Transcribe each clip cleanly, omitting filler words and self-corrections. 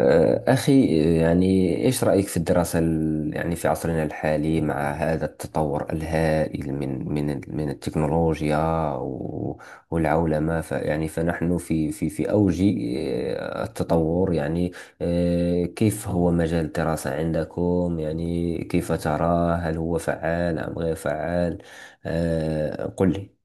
أخي، يعني إيش رأيك في الدراسة يعني في عصرنا الحالي مع هذا التطور الهائل من التكنولوجيا و- والعولمة، يعني فنحن في أوج التطور يعني. كيف هو مجال الدراسة عندكم؟ يعني كيف تراه؟ هل هو فعال أم غير فعال؟ قل لي.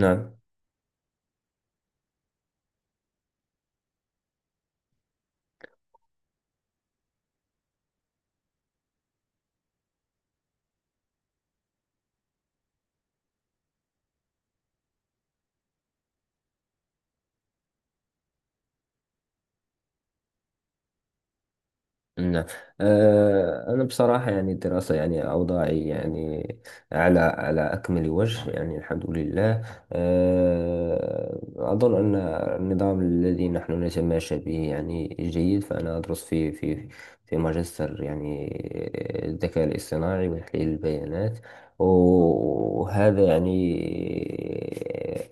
نعم، نعم. أنا بصراحة يعني الدراسة يعني أوضاعي يعني على أكمل وجه، يعني الحمد لله. أظن أن النظام الذي نحن نتماشى به يعني جيد. فأنا أدرس في ماجستير يعني الذكاء الاصطناعي وتحليل البيانات، وهذا يعني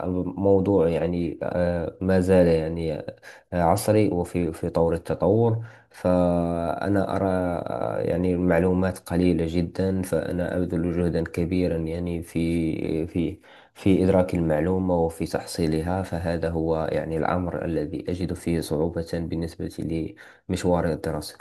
الموضوع يعني ما زال يعني عصري وفي طور التطور. فأنا أرى يعني المعلومات قليلة جدا، فأنا أبذل جهدا كبيرا يعني في إدراك المعلومة وفي تحصيلها. فهذا هو يعني الأمر الذي أجد فيه صعوبة بالنسبة لمشواري الدراسي.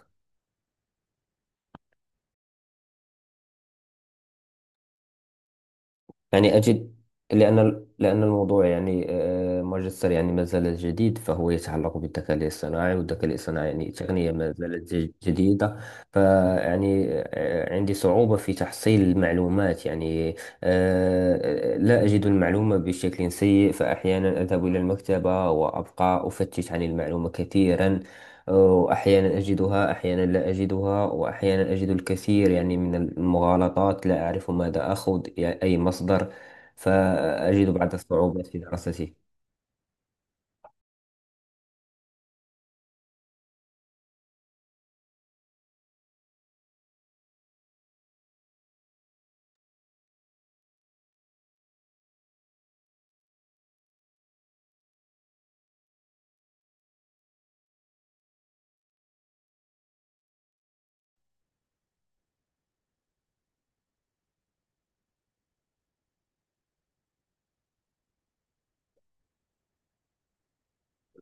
يعني أجد، لأن الموضوع يعني ماجستير يعني ما زال جديد، فهو يتعلق بالذكاء الاصطناعي، والذكاء الاصطناعي يعني تقنية ما زالت جديدة. فيعني عندي صعوبة في تحصيل المعلومات يعني. لا أجد المعلومة بشكل سيء، فأحيانا أذهب إلى المكتبة وأبقى أفتش عن المعلومة كثيرا. أحيانا أجدها، أحيانا لا أجدها، وأحيانا أجد الكثير يعني من المغالطات، لا أعرف ماذا أخذ يعني أي مصدر. فأجد بعض الصعوبات في دراسته.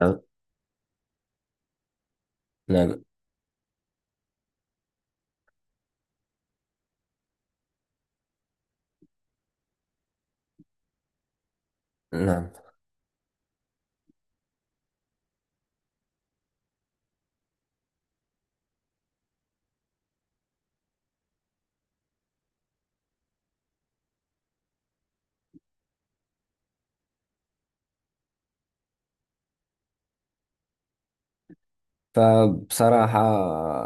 نعم، نعم، نعم. فبصراحة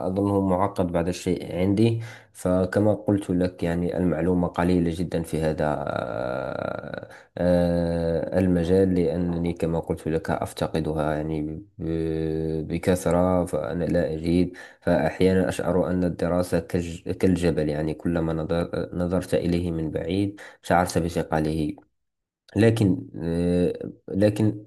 أظنه معقد بعض الشيء عندي. فكما قلت لك يعني المعلومة قليلة جدا في هذا المجال، لأنني كما قلت لك أفتقدها يعني بكثرة، فأنا لا أجيد. فأحيانا أشعر أن الدراسة كالجبل، يعني كلما نظرت إليه من بعيد شعرت بثقله. لكن آه، لكن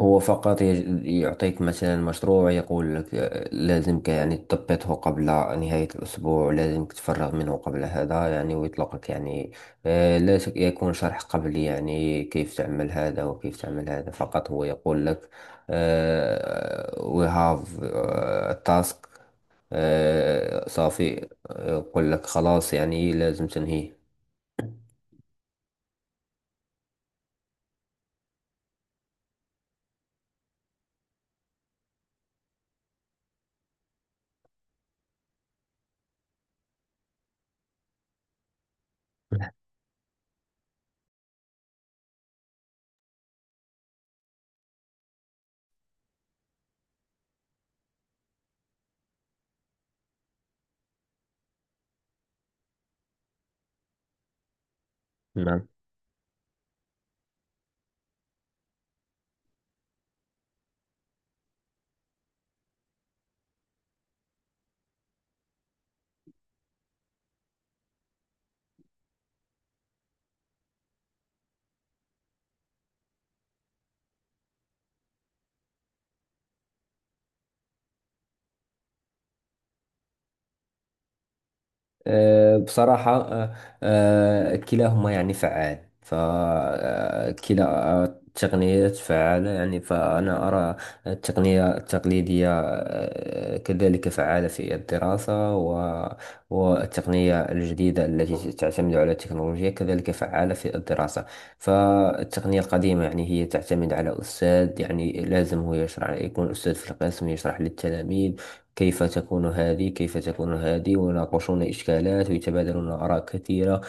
هو فقط يعطيك مثلا مشروع، يقول لك لازمك يعني تضبطه قبل نهاية الأسبوع، لازمك تتفرغ منه قبل هذا يعني، ويطلقك يعني. لا يكون شرح قبلي يعني كيف تعمل هذا وكيف تعمل هذا. فقط هو يقول لك we have task صافي. يقول لك خلاص، يعني لازم تنهيه. نعم. بصراحة كلاهما يعني فعال، فكلا التقنيات فعالة يعني. فأنا أرى التقنية التقليدية كذلك فعالة في الدراسة، والتقنية الجديدة التي تعتمد على التكنولوجيا كذلك فعالة في الدراسة. فالتقنية القديمة يعني هي تعتمد على أستاذ، يعني لازم هو يشرح، يكون أستاذ في القسم يشرح للتلاميذ كيف تكون هذه، كيف تكون هذه، ويناقشون إشكالات ويتبادلون آراء كثيرة.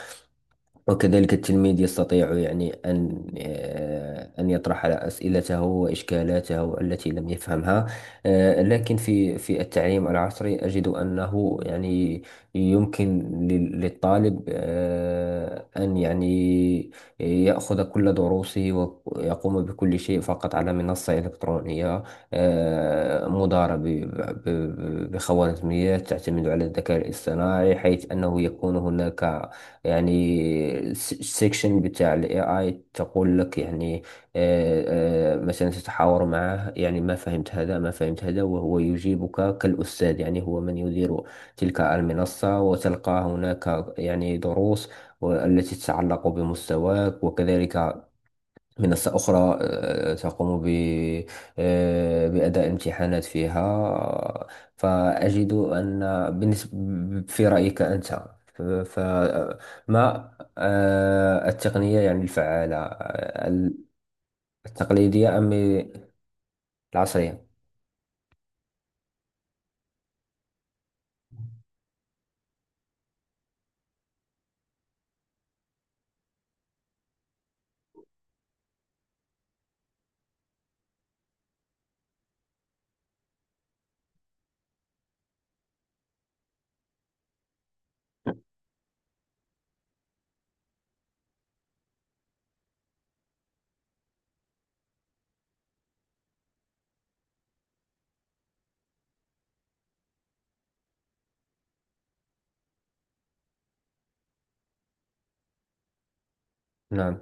وكذلك التلميذ يستطيع يعني أن أن يطرح أسئلته وإشكالاته التي لم يفهمها. لكن في التعليم العصري أجد أنه يعني يمكن للطالب أن يعني يأخذ كل دروسه ويقوم بكل شيء فقط على منصة إلكترونية، مدارة بخوارزميات تعتمد على الذكاء الاصطناعي، حيث أنه يكون هناك يعني السكشن بتاع الاي اي، تقول لك يعني مثلا تتحاور معه، يعني ما فهمت هذا، ما فهمت هذا، وهو يجيبك كالأستاذ. يعني هو من يدير تلك المنصة، وتلقى هناك يعني دروس التي تتعلق بمستواك. وكذلك منصة أخرى تقوم ب آه، بأداء امتحانات فيها. فأجد أن بالنسبة في رأيك أنت، فما التقنية يعني الفعالة التقليدية أم العصرية؟ نعم،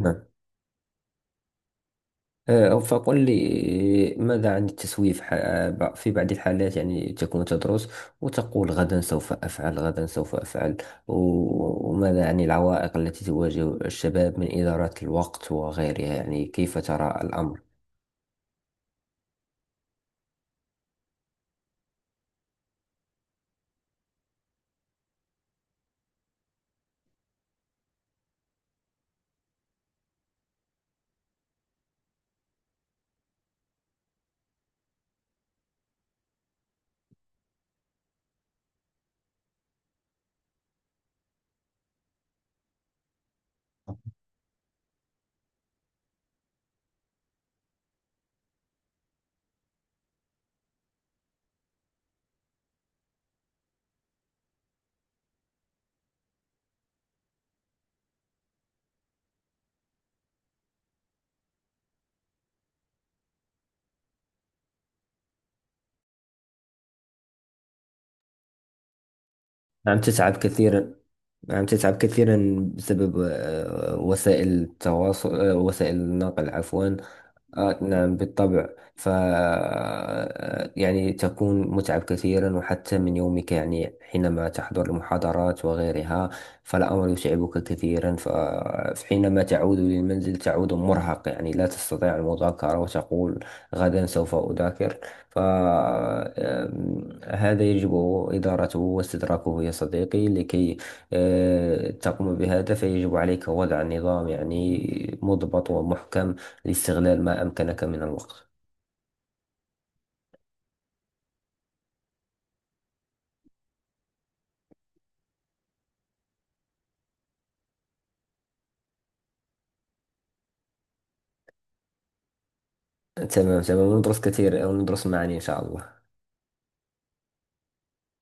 نعم. فقل لي ماذا عن التسويف؟ في بعض الحالات يعني تكون تدرس وتقول غدا سوف أفعل، غدا سوف أفعل. وماذا عن العوائق التي تواجه الشباب من إدارة الوقت وغيرها؟ يعني كيف ترى الأمر؟ نعم، تتعب كثيرا. نعم، تتعب كثيرا بسبب وسائل التواصل، وسائل النقل عفوا. آه، نعم، بالطبع. ف آه، يعني تكون متعب كثيرا، وحتى من يومك يعني حينما تحضر المحاضرات وغيرها، فالأمر يتعبك كثيرا. فحينما تعود للمنزل تعود مرهق، يعني لا تستطيع المذاكرة، وتقول غدا سوف أذاكر. فهذا يجب إدارته واستدراكه يا صديقي، لكي تقوم بهذا. فيجب عليك وضع نظام يعني مضبط ومحكم، الاستغلال ما أمكنك من الوقت. تمام، تمام، وندرس كثير وندرس معا إن شاء الله.